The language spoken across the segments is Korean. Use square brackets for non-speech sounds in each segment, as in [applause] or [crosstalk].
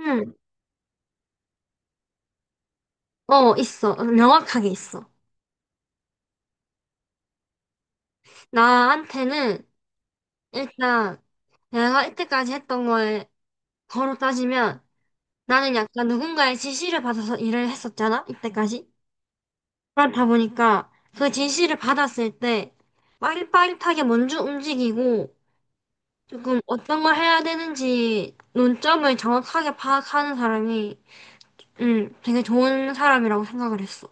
응, 어, 있어. 명확하게 있어. 나한테는 일단 내가 이때까지 했던 거에 거로 따지면 나는 약간 누군가의 지시를 받아서 일을 했었잖아, 이때까지. 그렇다 보니까 그 지시를 받았을 때 빠릿빠릿하게 먼저 움직이고 조금 어떤 걸 해야 되는지 논점을 정확하게 파악하는 사람이 되게 좋은 사람이라고 생각을 했어.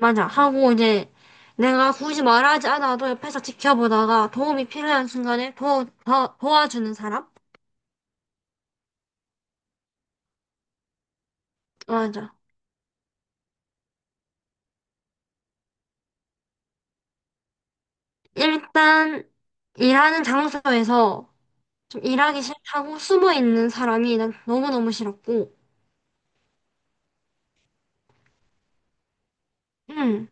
맞아. 하고 이제 내가 굳이 말하지 않아도 옆에서 지켜보다가 도움이 필요한 순간에 도와주는 사람? 맞아. 일단 일하는 장소에서 좀 일하기 싫다고 숨어 있는 사람이 난 너무너무 싫었고, 음,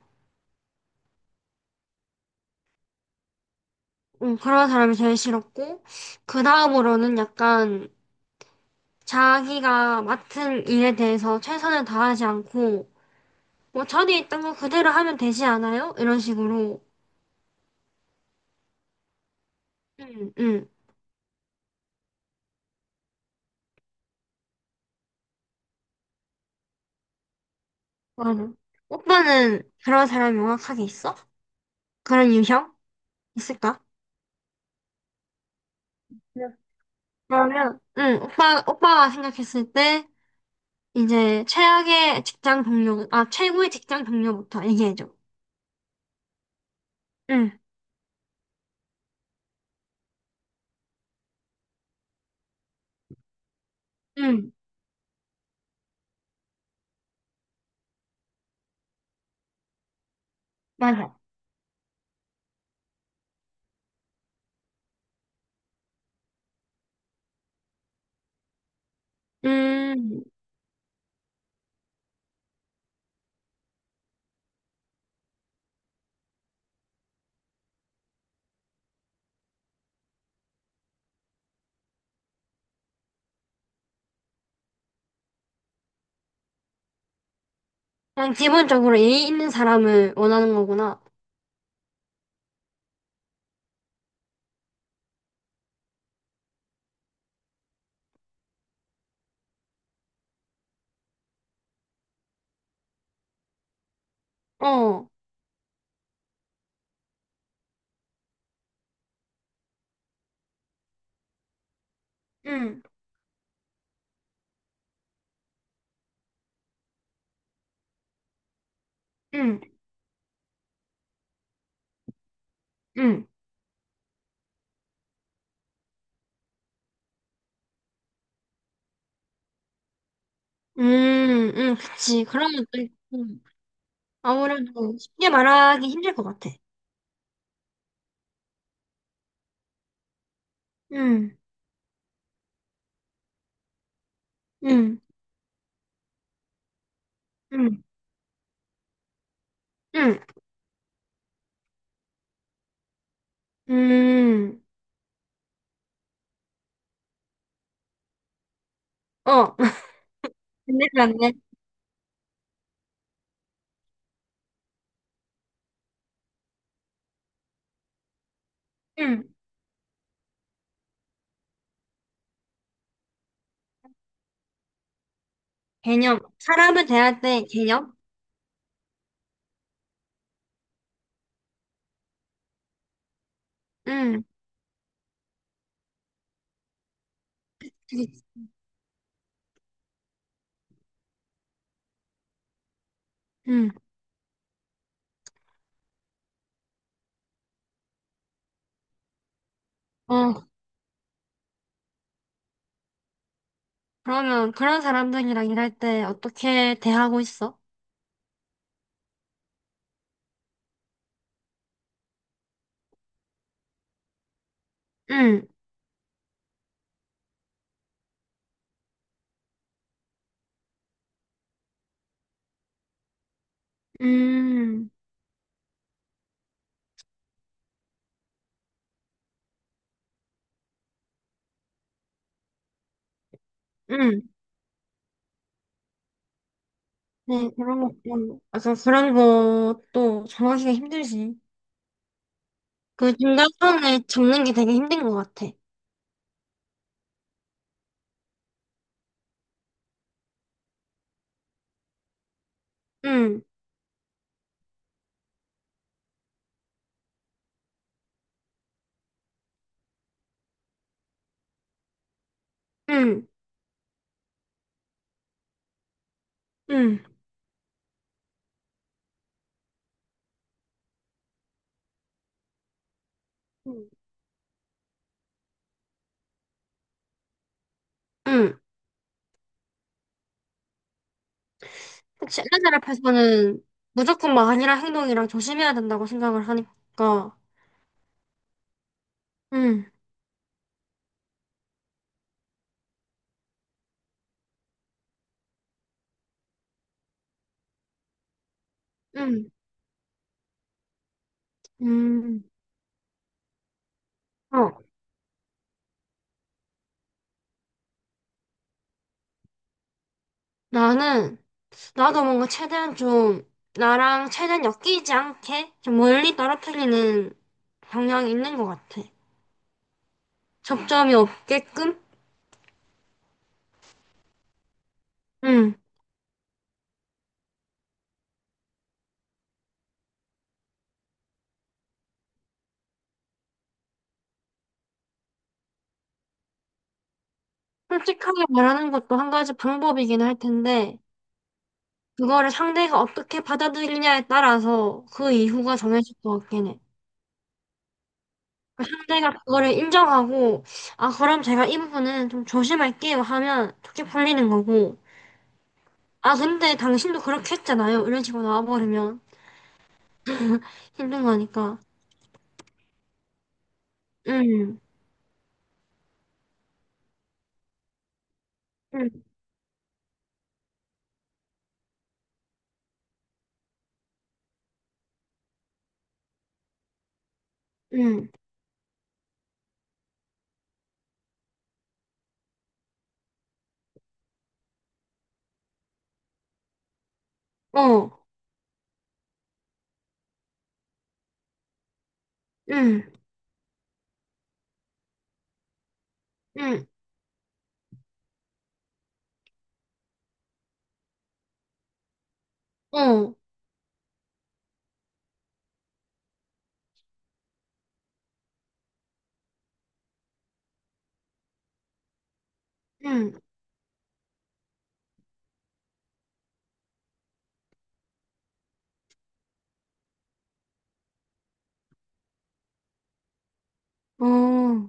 그런 사람이 제일 싫었고, 그 다음으로는 약간 자기가 맡은 일에 대해서 최선을 다하지 않고, 뭐 전에 있던 거 그대로 하면 되지 않아요? 이런 식으로. 음, 음. 맞아. 오빠는 그런 사람이 명확하게 있어? 그런 유형? 있을까? 네. 그러면, 응, 오빠가 생각했을 때, 이제, 최악의 직장 동료, 아, 최고의 직장 동료부터 얘기해줘. 응, 응, 맞아. 음, 그냥 기본적으로 예의 있는 사람을 원하는 거구나. 어, 응, 응, 응. 응, 그치. 그런 것도 있고, 아무래도 쉽게 말하기 힘들 것 같아. 응, 응, 응, 응. 음, 어, [laughs] 근데 그렇네. 음, 개념. 사람을 대할 때 개념? 음, 그게, 음, 어, 그러면 그런 사람들이랑 일할 때 어떻게 대하고 있어? 음, 음, 음. 네, 그런 거, 맞아, 그런 것도 정하기가 힘들지. 그 중간선을 잡는 게 되게 힘든 것 같아. 음, 음, 음, 음. 음. 혹시 회사를 펴서는 무조건 막 아니라 행동이랑 조심해야 된다고 생각을 하니까. 응, 응, 음. 어, 나는, 나도 뭔가 최대한 좀, 나랑 최대한 엮이지 않게, 좀 멀리 떨어뜨리는 경향이 있는 것 같아. 접점이 없게끔? 응. 솔직하게 말하는 것도 한 가지 방법이긴 할 텐데, 그거를 상대가 어떻게 받아들이냐에 따라서 그 이후가 정해질 것 같긴 해. 그 상대가 그거를 인정하고, 아, 그럼 제가 이 부분은 좀 조심할게요 하면 좋게 풀리는 거고, 아, 근데 당신도 그렇게 했잖아요. 이런 식으로 나와버리면 힘든 거니까. 응, 응, 응, 어, 응, 응, 어, 응, 어,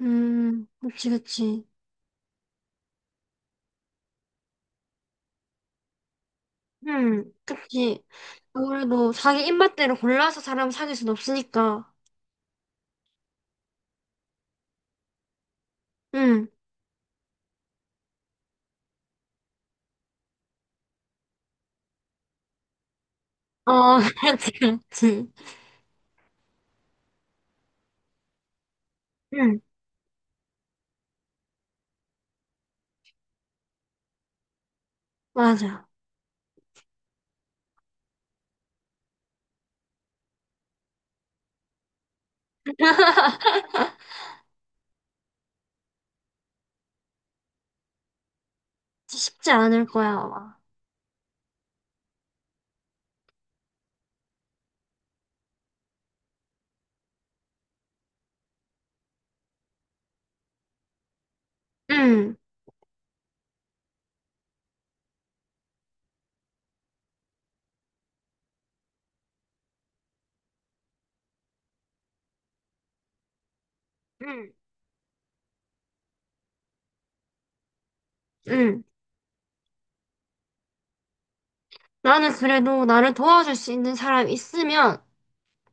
그치, 그치. 응, 그치. 아무래도 자기 입맛대로 골라서 사람 사귈 순 없으니까. 응, 어, [laughs] 그렇지, 그렇지. 응, 맞아. [laughs] 쉽지 않을 거야, 아마. 응, 응, 응. 나는 그래도 나를 도와줄 수 있는 사람이 있으면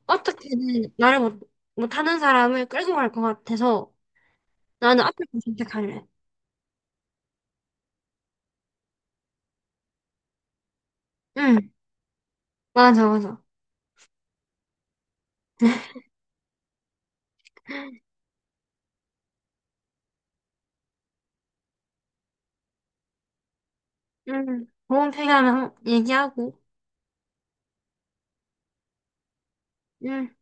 어떻게든 말을 못, 못하는 사람을 끌고 갈 것 같아서 나는 앞에 거 선택할래. 응, 맞아, 맞아. 응, 도움 필요하면 한- 얘기하고. 응.